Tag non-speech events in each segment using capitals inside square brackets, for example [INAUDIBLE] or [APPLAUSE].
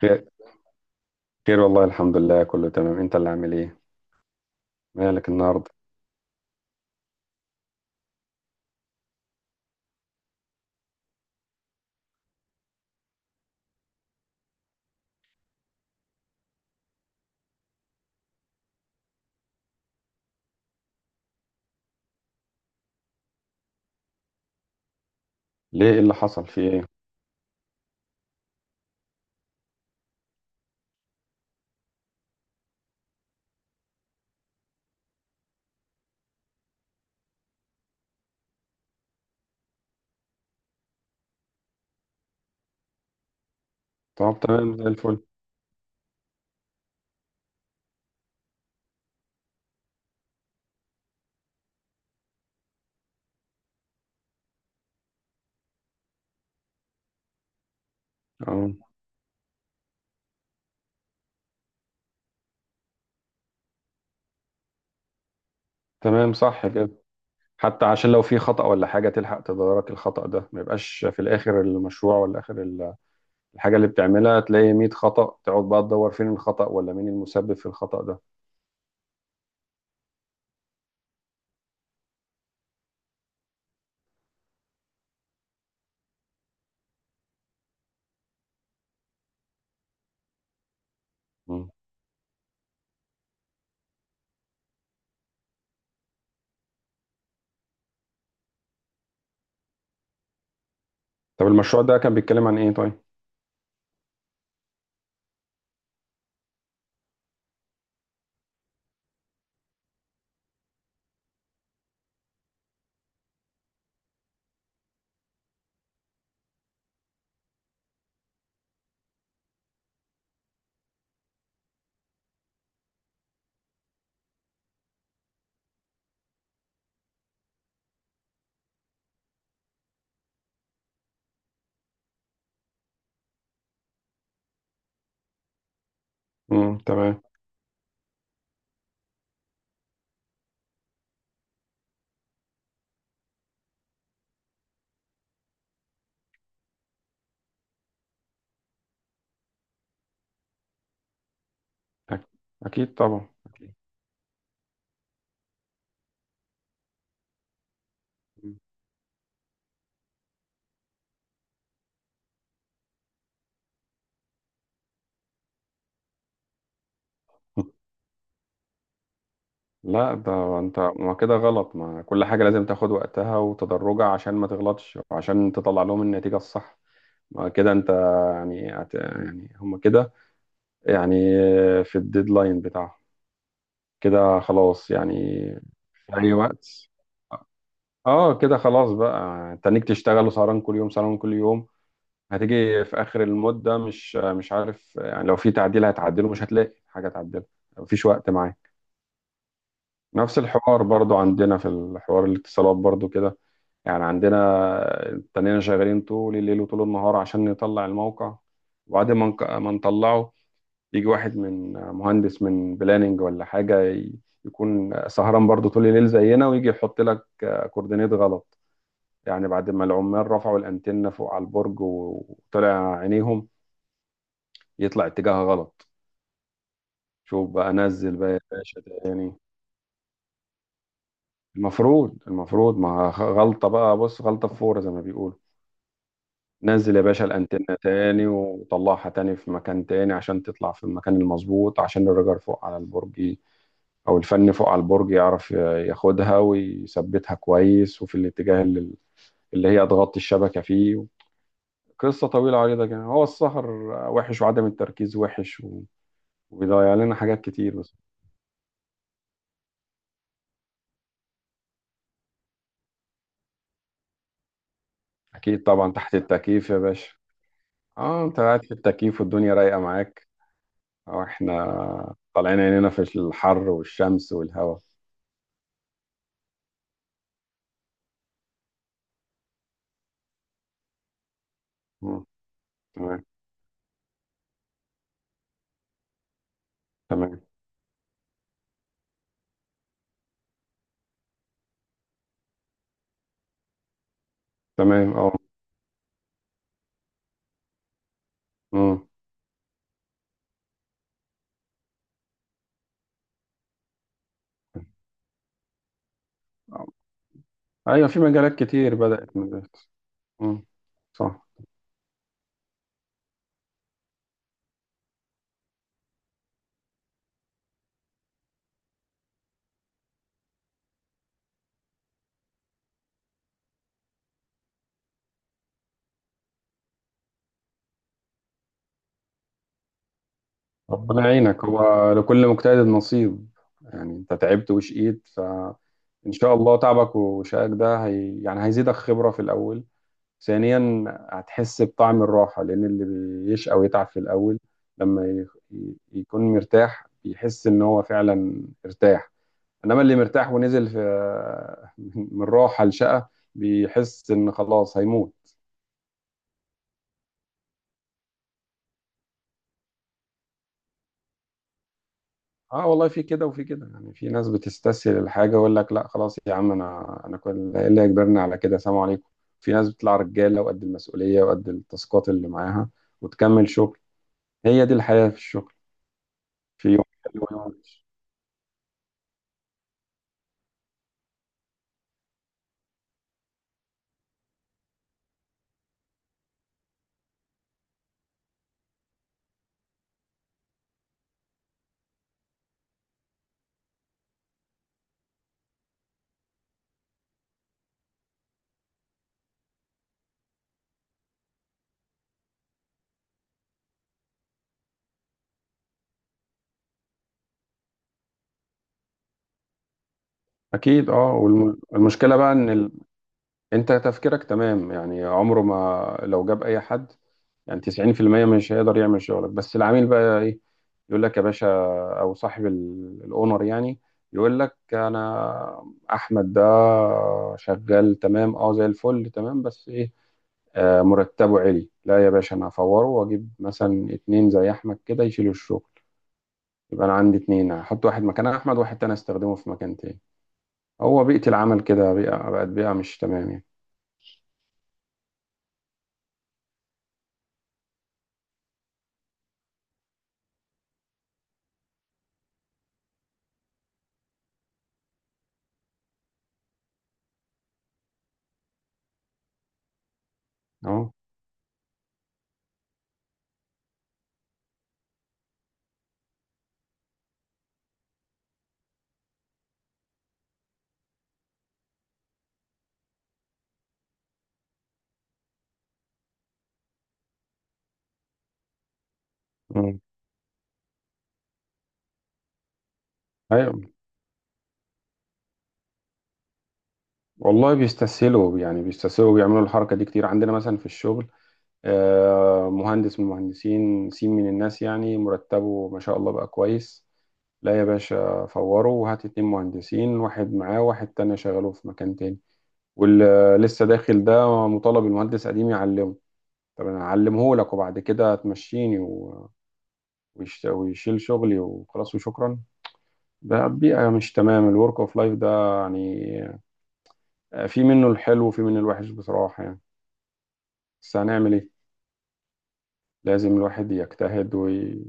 خير. خير، والله الحمد لله كله تمام. انت اللي عامل ايه؟ مالك النهارده؟ ليه؟ ايه اللي حصل؟ في ايه؟ طب تمام، زي الفل. اه، تمام، صح كده. حتى عشان لو في خطأ ولا حاجة تلحق تدارك الخطأ ده، ما يبقاش في الآخر المشروع ولا آخر الحاجة اللي بتعملها تلاقي 100 خطأ، تقعد بقى تدور فين الخطأ ولا مين المسبب في الخطأ ده. مم. طب، المشروع ده كان بيتكلم عن ايه طيب؟ تمام. أك- أكيد طبعا أكيد. مم. لا، ده انت ما كده غلط، ما كل حاجة لازم تاخد وقتها وتدرجها عشان ما تغلطش وعشان تطلع لهم النتيجة الصح. ما كده انت، يعني يعني هم كده، يعني في الديدلاين بتاعهم كده خلاص يعني. في اي وقت. اه، كده خلاص بقى، انت انك تشتغل سهران كل يوم، سهران كل يوم، هتيجي في اخر المدة مش عارف يعني، لو في تعديل هتعدله مش هتلاقي حاجة تعدله. مفيش وقت معاك. نفس الحوار برضو عندنا في الحوار الاتصالات برضو كده. يعني عندنا تنينا شغالين طول الليل وطول النهار عشان نطلع الموقع، وبعد ما نطلعه، يجي واحد من مهندس من بلاننج ولا حاجة، يكون سهران برضو طول الليل زينا، ويجي يحط لك كوردينيت غلط. يعني بعد ما العمال رفعوا الانتنة فوق على البرج وطلع عينيهم، يطلع اتجاهها غلط. شوف بقى، نزل بقى يا باشا تاني. المفروض ما خ- غلطة بقى، بص، غلطة في فورة زي ما بيقولوا. نزل يا باشا الأنتنة تاني، وطلعها تاني في مكان تاني عشان تطلع في المكان المظبوط، عشان الرجل فوق على البرج. أو الفني فوق على البرج يعرف ياخدها ويثبتها كويس، وفي الاتجاه اللي هي تغطي الشبكة فيه. قصة طويلة عريضة كده. هو السهر وحش، وعدم التركيز وحش، وبيضيع لنا حاجات كتير، بس. أكيد طبعا، تحت التكييف يا باشا. اه، انت قاعد في التكييف والدنيا رايقة معاك. أو إحنا طالعين عينينا في الحر والشمس والهواء. مم. تمام، تمام، تمام، أه. مم. أيوة، في مجالات كتير بدأت من دلوقتي. مم. صح. ربنا يعينك، هو لكل مجتهد نصيب. يعني أنت تعبت وشقيت، فإن شاء الله تعبك وشقاك ده يعني هيزيدك خبرة في الأول. ثانيا، هتحس بطعم الراحة لأن اللي بيشقى ويتعب في الأول، لما يكون مرتاح بيحس إن هو فعلا ارتاح. انما اللي مرتاح ونزل في، [LAUGHS] من راحه لشقه، بيحس ان خلاص هيموت. اه والله، في كده وفي كده يعني. في ناس بتستسهل الحاجه ويقول لك: لا خلاص يا عم، انا كل إيه اللي يجبرني على كده، سلام عليكم. في ناس بتطلع رجاله وقد المسؤوليه وقد التاسكات اللي معاها وتكمل شغل. هي دي الحياه في الشغل، في يوم حلو ويوم وحش. اكيد. اه، والمشكله بقى ان انت تفكيرك تمام، يعني عمره ما لو جاب اي حد يعني 90% مش هيقدر يعمل شغلك. بس العميل بقى ايه؟ يقول لك يا باشا، او صاحب الاونر يعني، يقول لك: انا احمد ده شغال تمام، اه زي الفل تمام، بس ايه؟ آه، مرتبه عالي. لا يا باشا، انا هفوره واجيب مثلا اتنين زي احمد كده يشيلوا الشغل، يبقى انا عندي اتنين، هحط واحد مكان احمد وواحد تاني استخدمه في مكان تاني. هو بيئة العمل كده، بيئة بقت بيئة مش تمام يعني. اه. مم. ايوه، والله بيستسهلوا. يعني بيستسهلوا بيعملوا الحركة دي كتير عندنا مثلا في الشغل. مهندس من المهندسين، سين من الناس يعني، مرتبه ما شاء الله بقى كويس. لا يا باشا، فوره، وهات اتنين مهندسين، واحد معاه واحد تاني شغله في مكان تاني. واللي لسه داخل ده مطالب المهندس قديم يعلمه. طب انا هعلمه لك وبعد كده هتمشيني ويشيل شغلي وخلاص وشكرا. ده بيئة مش تمام الورك اوف لايف ده يعني. في منه الحلو وفي منه الوحش بصراحة يعني. بس هنعمل ايه؟ لازم الواحد يجتهد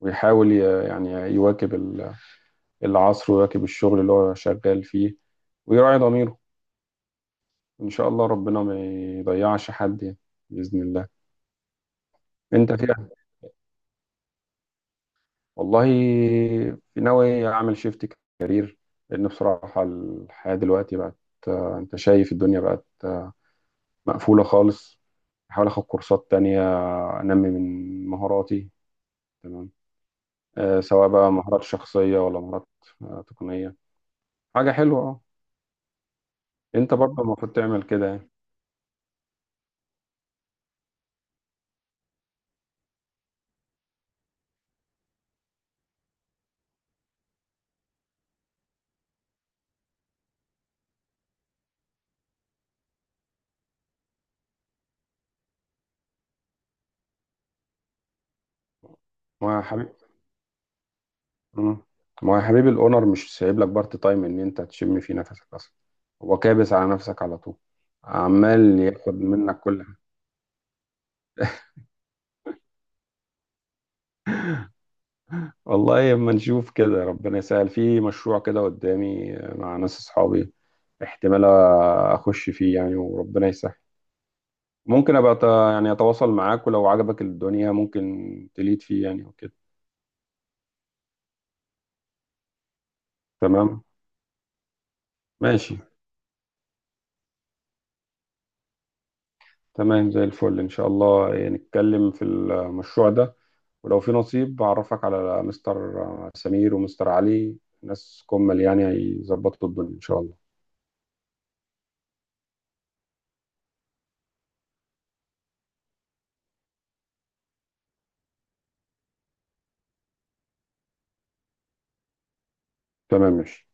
ويحاول ي- يعني يواكب العصر، ويواكب الشغل اللي هو شغال فيه، ويراعي ضميره. ان شاء الله ربنا ما يضيعش حد يعني، باذن الله. انت كده. والله، في ناوي اعمل شيفت كارير، لان بصراحه الحياه دلوقتي بقت، انت شايف الدنيا بقت مقفوله خالص. احاول اخد كورسات تانية، انمي من مهاراتي. تمام. أه، سواء بقى مهارات شخصيه ولا مهارات تقنيه. حاجة حلوة، اه. انت برضه المفروض تعمل كده يعني. ما يا حبيب مم. ما يا حبيبي الاونر مش سايب لك بارت تايم ان انت تشم فيه نفسك اصلا. هو كابس على نفسك على طول، عمال ياخد منك كل حاجة. والله اما نشوف كده، ربنا يسهل. في مشروع كده قدامي مع ناس اصحابي، احتمال اخش فيه يعني، وربنا يسهل. ممكن ابقى يعني اتواصل معاك، ولو عجبك الدنيا ممكن تليد فيه يعني وكده. تمام، ماشي. تمام زي الفل إن شاء الله، نتكلم في المشروع ده. ولو في نصيب بعرفك على مستر سمير ومستر علي، ناس كمل يعني هيظبطوا الدنيا إن شاء الله. تمام، ماشي.